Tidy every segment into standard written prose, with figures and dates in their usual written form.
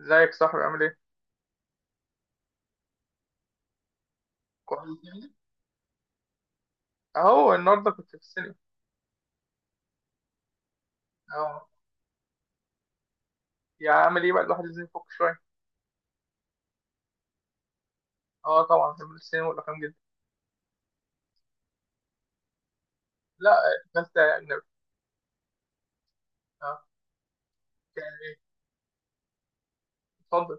ازيك يا صاحبي، عامل ايه؟ كويس يعني؟ اهو النهارده كنت في السينما. اه يعني عامل ايه بقى؟ الواحد لازم يفك شويه. اه طبعا بحب السينما والافلام جدا. لا، فانت اجنبي. اه يعني ايه؟ اتفضل.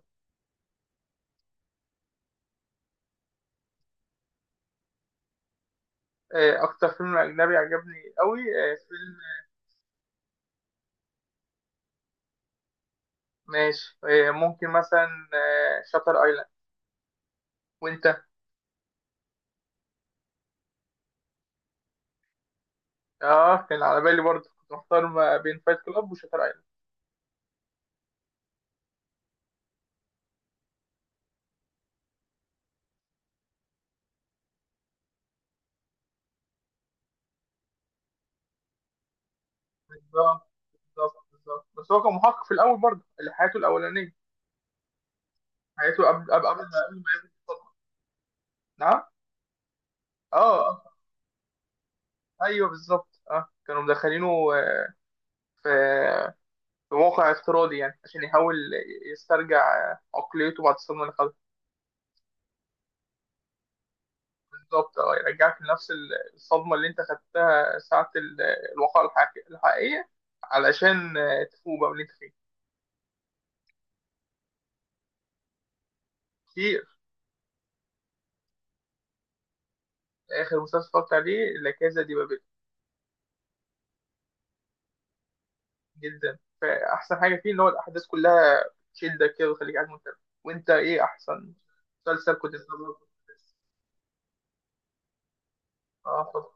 اكتر فيلم اجنبي عجبني قوي، فيلم. ماشي، ممكن مثلا شاتر ايلاند. وانت؟ اه كان على بالي برضه، كنت محتار ما بين فايت كلاب وشاتر ايلاند. بالظبط، بالظبط، بالظبط، بس هو كان محقق في الاول برضه، اللي حياته الاولانيه. حياته قبل ما يقابل الصدمة. نعم. اه اه. ايوه بالظبط، اه كانوا مدخلينه في في موقع افتراضي، يعني عشان يحاول يسترجع عقليته بعد الصدمه اللي خدها. بالظبط، اه يرجعك لنفس الصدمه اللي انت خدتها ساعه الواقعه الحقيقيه، علشان تفوق بقى من اللي انت فيه. كتير. اخر مسلسل اتفرجت عليه لا كازا دي بابل. جدا، فاحسن حاجه فيه ان هو الاحداث كلها تشدك كده وتخليك قاعد مهتم. وانت ايه احسن مسلسل كنت بتتفرج؟ اه اتفضل.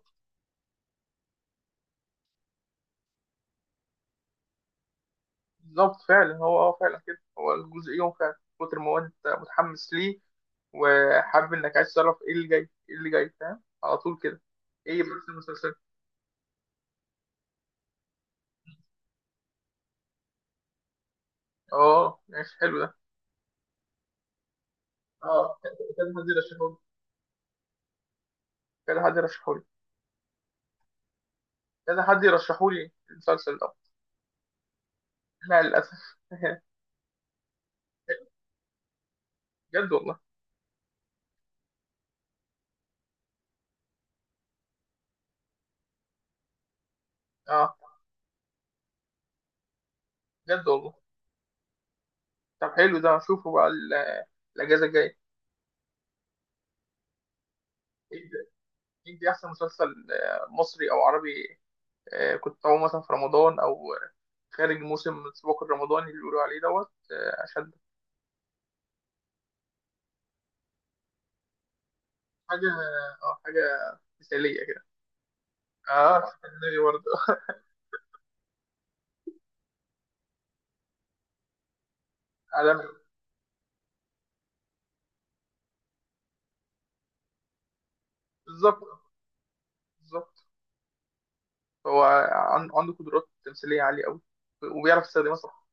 بالظبط فعلا، هو اه فعلا كده، هو الجزء يوم فعلا، كتر ما هو انت متحمس ليه وحابب انك عايز تعرف ايه اللي جاي ايه اللي جاي، فاهم على طول كده. ايه بس المسلسل؟ اه ماشي حلو ده. اه حد يرشحولي كذا حد يرشحولي كذا حد يرشحولي المسلسل ده. لا للاسف بجد والله. اه بجد والله. طب حلو ده، اشوفه بقى الاجازه الجايه. ايه ده؟ إيه دي احسن مسلسل، مصري او عربي؟ كنت أقوم مثلا في رمضان أو خارج موسم السباق الرمضاني اللي بيقولوا عليه دوت، عشان حاجة. أه آه، حاجة مثالية كده. أه اسكندري برضه. عالمي. بالظبط، بالظبط. هو عنده قدرات تمثيلية عالية أوي، وبيعرف يستخدمها صح.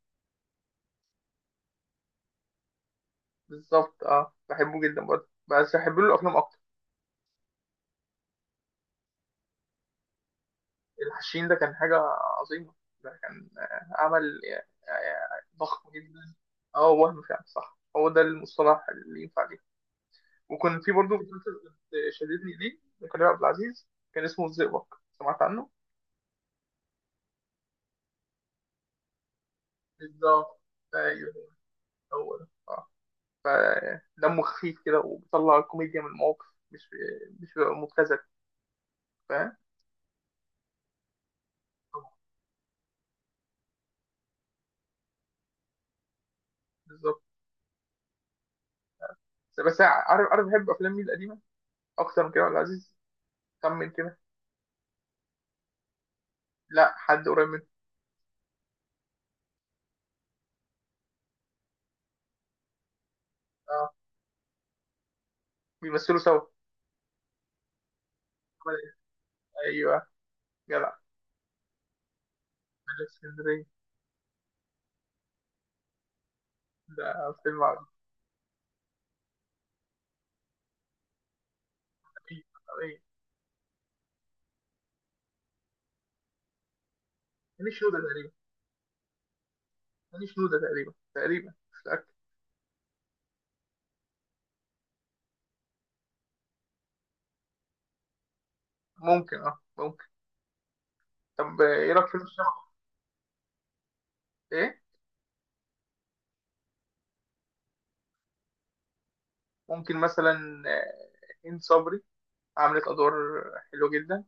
بالظبط أه، بحبه جدا برضه، بس بحب له الأفلام أكتر. الحشين ده كان حاجة عظيمة، ده كان عمل ضخم جدا. أه وهم فعلا صح، هو ده المصطلح اللي ينفع ليه. وكان في برضه مسلسل كنت شددني ليه لكريم عبد العزيز، كان اسمه الزئبق. سمعت عنه؟ بالظبط. ايوه هو ده. اه فدمه خفيف كده، وبيطلع الكوميديا من المواقف، مش مش بيبقى مبتذل. فاهم؟ بالظبط. بس عارف، عارف بحب افلام مين القديمه اكتر من كريم عبد العزيز؟ كم من كده. لا حد قريب منه. اه بيمثلوا سوا. ايوه جدع. ملك اسكندريه، ده فيلم عظيم. ماليش نودة تقريبا. ماليش نودة تقريبا، تقريبا مش متأكد. ممكن، اه ممكن. طب ايه رايك في فيلم الشبح؟ ايه ممكن مثلا هند صبري، عملت ادوار حلوه جدا،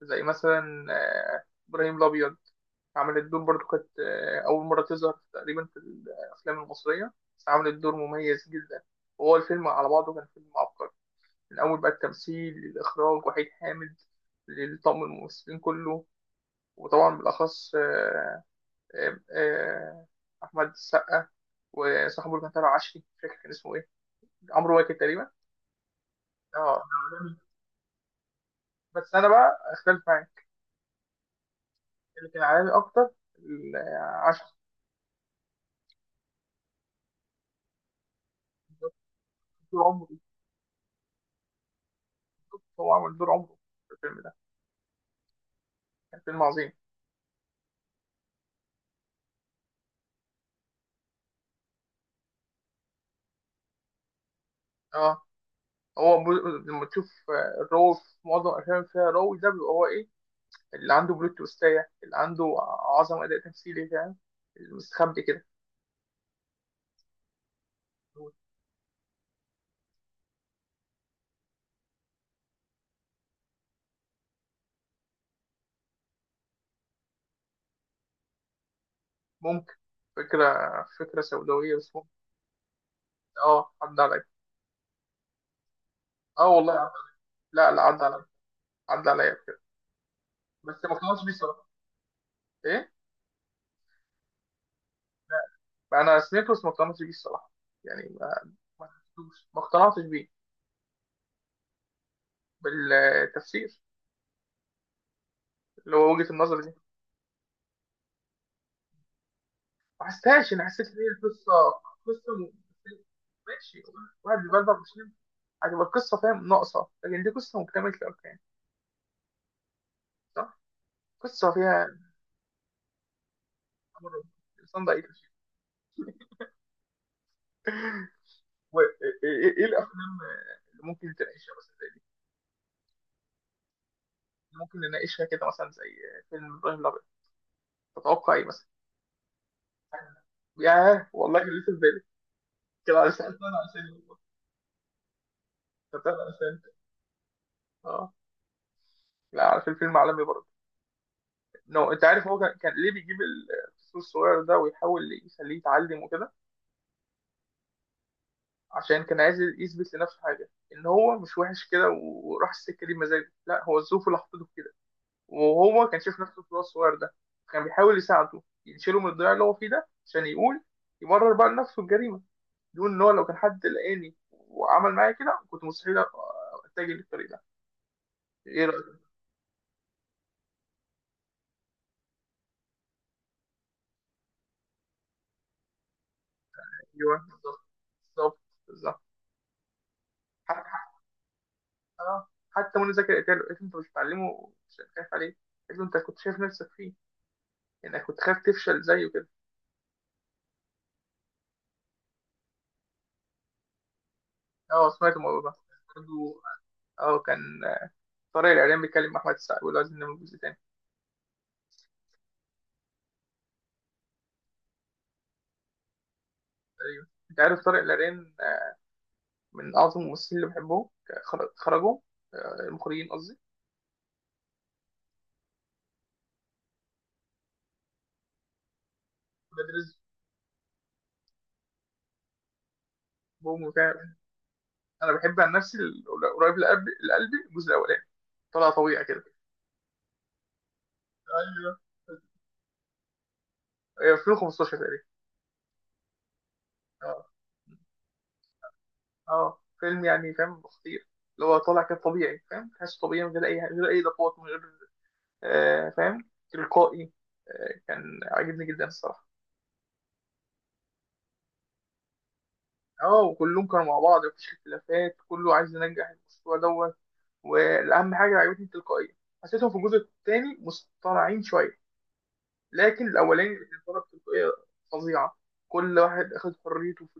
زي مثلا ابراهيم الابيض. عملت دور برضو، كانت اول مره تظهر تقريبا في الافلام المصريه، بس عملت دور مميز جدا. وهو الفيلم على بعضه كان فيلم عبقري، من اول بقى التمثيل للاخراج وحيد حامد للطاقم الممثلين كله. وطبعا بالاخص آه، آه، احمد السقا، وصاحبه اللي كان طالع عشري، مش فاكر كان اسمه ايه، عمرو واكد تقريبا. اه عالمي. بس انا بقى اختلف معاك، اللي كان عالمي اكتر ال- عشان دور عمره، هو عمل دور عمره في الفيلم ده، كان فيلم عظيم. اه هو لما تشوف الرو في معظم الافلام اللي فيها رو، ده بيبقى هو ايه؟ اللي عنده بلوت تويستاية، اللي عنده عظمه اداء تمثيلي فاهم، المستخبي كده. ممكن، فكره فكره سوداويه بس ممكن. اه عدى عليا. اه والله عدى. لا لا عدى عليا، عدى عليا بكده. بس ما كانش بيصرف. ايه. انا سنيكرس ما اقتنعتش بيه الصراحه. يعني ما حسيتوش، ما اقتنعتش بيه. بالتفسير اللي هو وجهه النظر دي. ما حسيتهاش، انا حسيت ان هي قصه. قصه م- ماشي، واحد بيبلبل مش مهم. هتبقى القصه فاهم ناقصه، لكن دي قصه مكتمله الاركان. صح، قصه فيها أمر. الانسان ضعيف. ايه؟ إيه الافلام اللي ممكن تناقشها مثلا زي دي؟ ممكن نناقشها كده مثلا زي فيلم ابراهيم الابيض؟ تتوقع ايه مثلا؟ يعني- ياه والله كان لسه في بالي. كده على سنه على سنه، فاهم عشان. اه لا عارف الفيلم عالمي برضه. نو انت عارف، هو كان كان ليه بيجيب الفصل الصغير ده ويحاول يخليه يتعلم وكده؟ عشان كان عايز يثبت لنفسه حاجه ان هو مش وحش كده، وراح السكه دي بمزاجه، لا هو الظروف اللي حطته في كده. وهو كان شايف نفسه في الواد الصغير ده، كان بيحاول يساعده يشيله من الضياع اللي هو فيه ده، عشان يقول يبرر بقى لنفسه الجريمه، يقول ان هو لو كان حد لقاني وعمل معايا كده كنت مستحيل اتجه للطريق ده. ايه رايك؟ ايوه بالظبط، بالظبط، بالظبط. اه حتى منى زكي قالت له، قالت له انت مش بتعلمه؟ مش خايف عليه؟ قالت له انت كنت شايف نفسك فيه، انك كنت خايف تفشل زيه كده. اه سمعت الموضوع ده برضه. اه كان طارق العريان بيتكلم مع احمد السقا، بيقول له عايزين نعمل جزء تاني. ايوه انت عارف طارق العريان، من اعظم الممثلين اللي بحبهم، خرجوا، المخرجين قصدي. ولاد رزق. بوم وبتاع. انا بحب عن نفسي قريب لقلبي، لقلبي الجزء الاولاني، طلع طبيعي كده. ايوه. ايوه 2015 تقريبا. اه اه فيلم يعني فاهم خطير، اللي هو طالع كده طبيعي فاهم، تحسه طبيعي من غير اي، من غير اي اضافات، من غير فاهم، تلقائي. كان عاجبني جدا الصراحه. اه وكلهم كانوا مع بعض مفيش اختلافات، كله عايز ينجح المشروع دوت. والاهم حاجه اللي عجبتني التلقائيه. حسيتهم في الجزء الثاني مصطنعين شويه، لكن الاولاني اللي طلب تلقائيه فظيعه. كل واحد اخد حريته في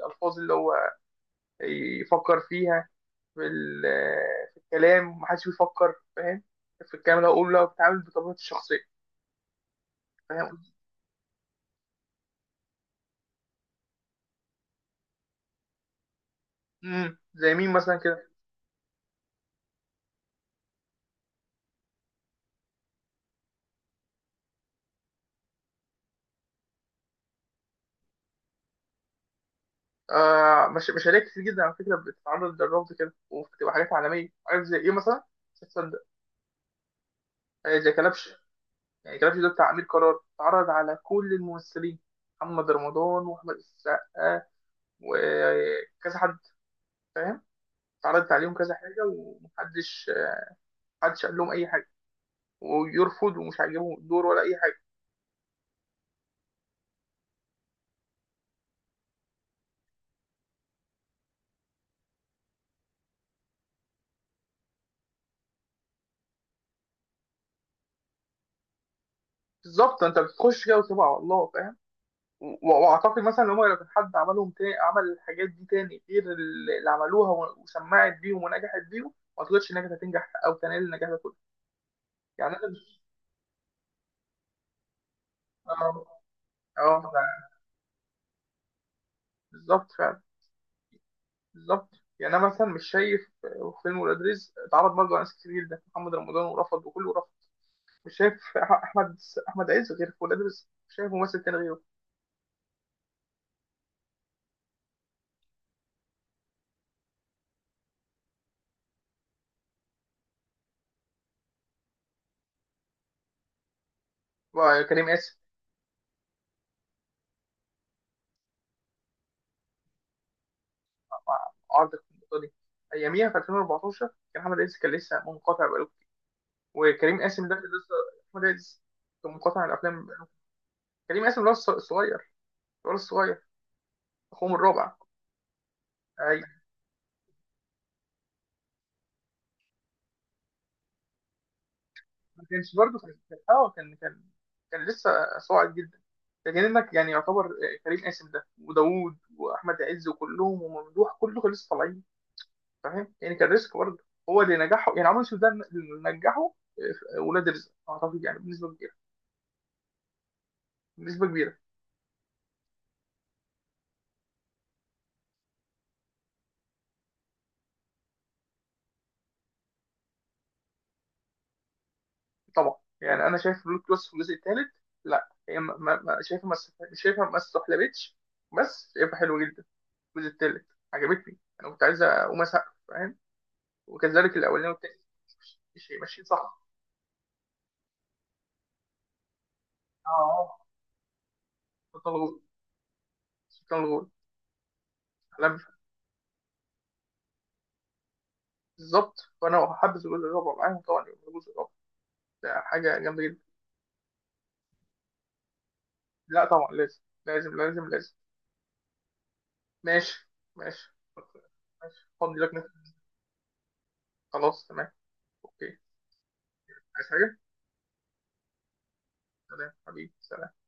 الالفاظ اللي هو يفكر فيها، في، في الكلام، ومحدش بيفكر فاهم في الكلام اللي هقوله، بتعامل بطبيعتي الشخصية. فاهم. زي مين مثلا كده؟ آه مش مشاريع كتير جدا على فكرة بتتعرض للرفض كده، وبتبقى حاجات عالمية، عارف زي ايه مثلا؟ مش هتصدق. زي كلبش. يعني كلبش ده بتاع أمير قرار اتعرض على كل الممثلين، محمد رمضان وأحمد السقا وكذا حد فاهم، اتعرضت عليهم كذا حاجة ومحدش، محدش قال لهم أي حاجة ويرفض، ومش عاجبهم الدور ولا أي حاجة. بالظبط انت بتخش كده وتبقى على الله فاهم. واعتقد مثلا ان هم لو كان حد عملهم تاني، عمل الحاجات دي تاني غير اللي عملوها، وسمعت بيهم ونجحت بيهم، ما اعتقدش انها كانت هتنجح او تنال النجاح ده كله. يعني انا مش. اه آه، بالظبط فعلا. بالظبط. يعني انا مثلا مش شايف فيلم ولاد رزق اتعرض برضه على ناس كتير جدا، محمد رمضان ورفض، وكله رفض. مش شايف احمد، احمد عز غير في ولاد رزق، مش شايف ممثل تاني غيره. كريم قاسم. عرض اقتصادي. اياميها في 2014 كان احمد عز كان لسه منقطع بقاله. وكريم قاسم ده كان لسه. احمد عز كان منقطع عن الافلام. كريم قاسم ده الصغير، الولد الصغير، اخوهم الرابع. اي، ما كانش برضه، كان لسه صاعد جدا. لكن انك يعني يعتبر كريم قاسم ده، وداوود، واحمد عز، وكلهم، وممدوح، كله كان لسه طالعين، فاهم يعني، كان ريسك برضه. هو اللي نجحه يعني عمرو يوسف ده اللي نجحه ولاد رزق، اعتقد، يعني بنسبه كبيره، بنسبه كبيره. طبعا يعني انا شايف رود كروس في الجزء الثالث، لا هي شايفها ما است- شايفها ما استحلبتش. بس شايفها حلوه جدا الجزء الثالث، عجبتني. انا كنت عايز اقوم اسقف فاهم، وكذلك الاولاني والتاني. مش ماشيين صح. اه آه. سلطان الغول، سلطان الغول. أحلام. بالظبط، فانا حابب الجزء الرابع معاهم طبعا، يبقى الجزء الرابع ده حاجه جامده جدا. لا طبعا لازم لازم لازم لازم. ماشي، ماشي. ماشي فضي لك نفسك. خلاص تمام. اوكي. عايز حاجه؟ سلام حبيبي، سلام.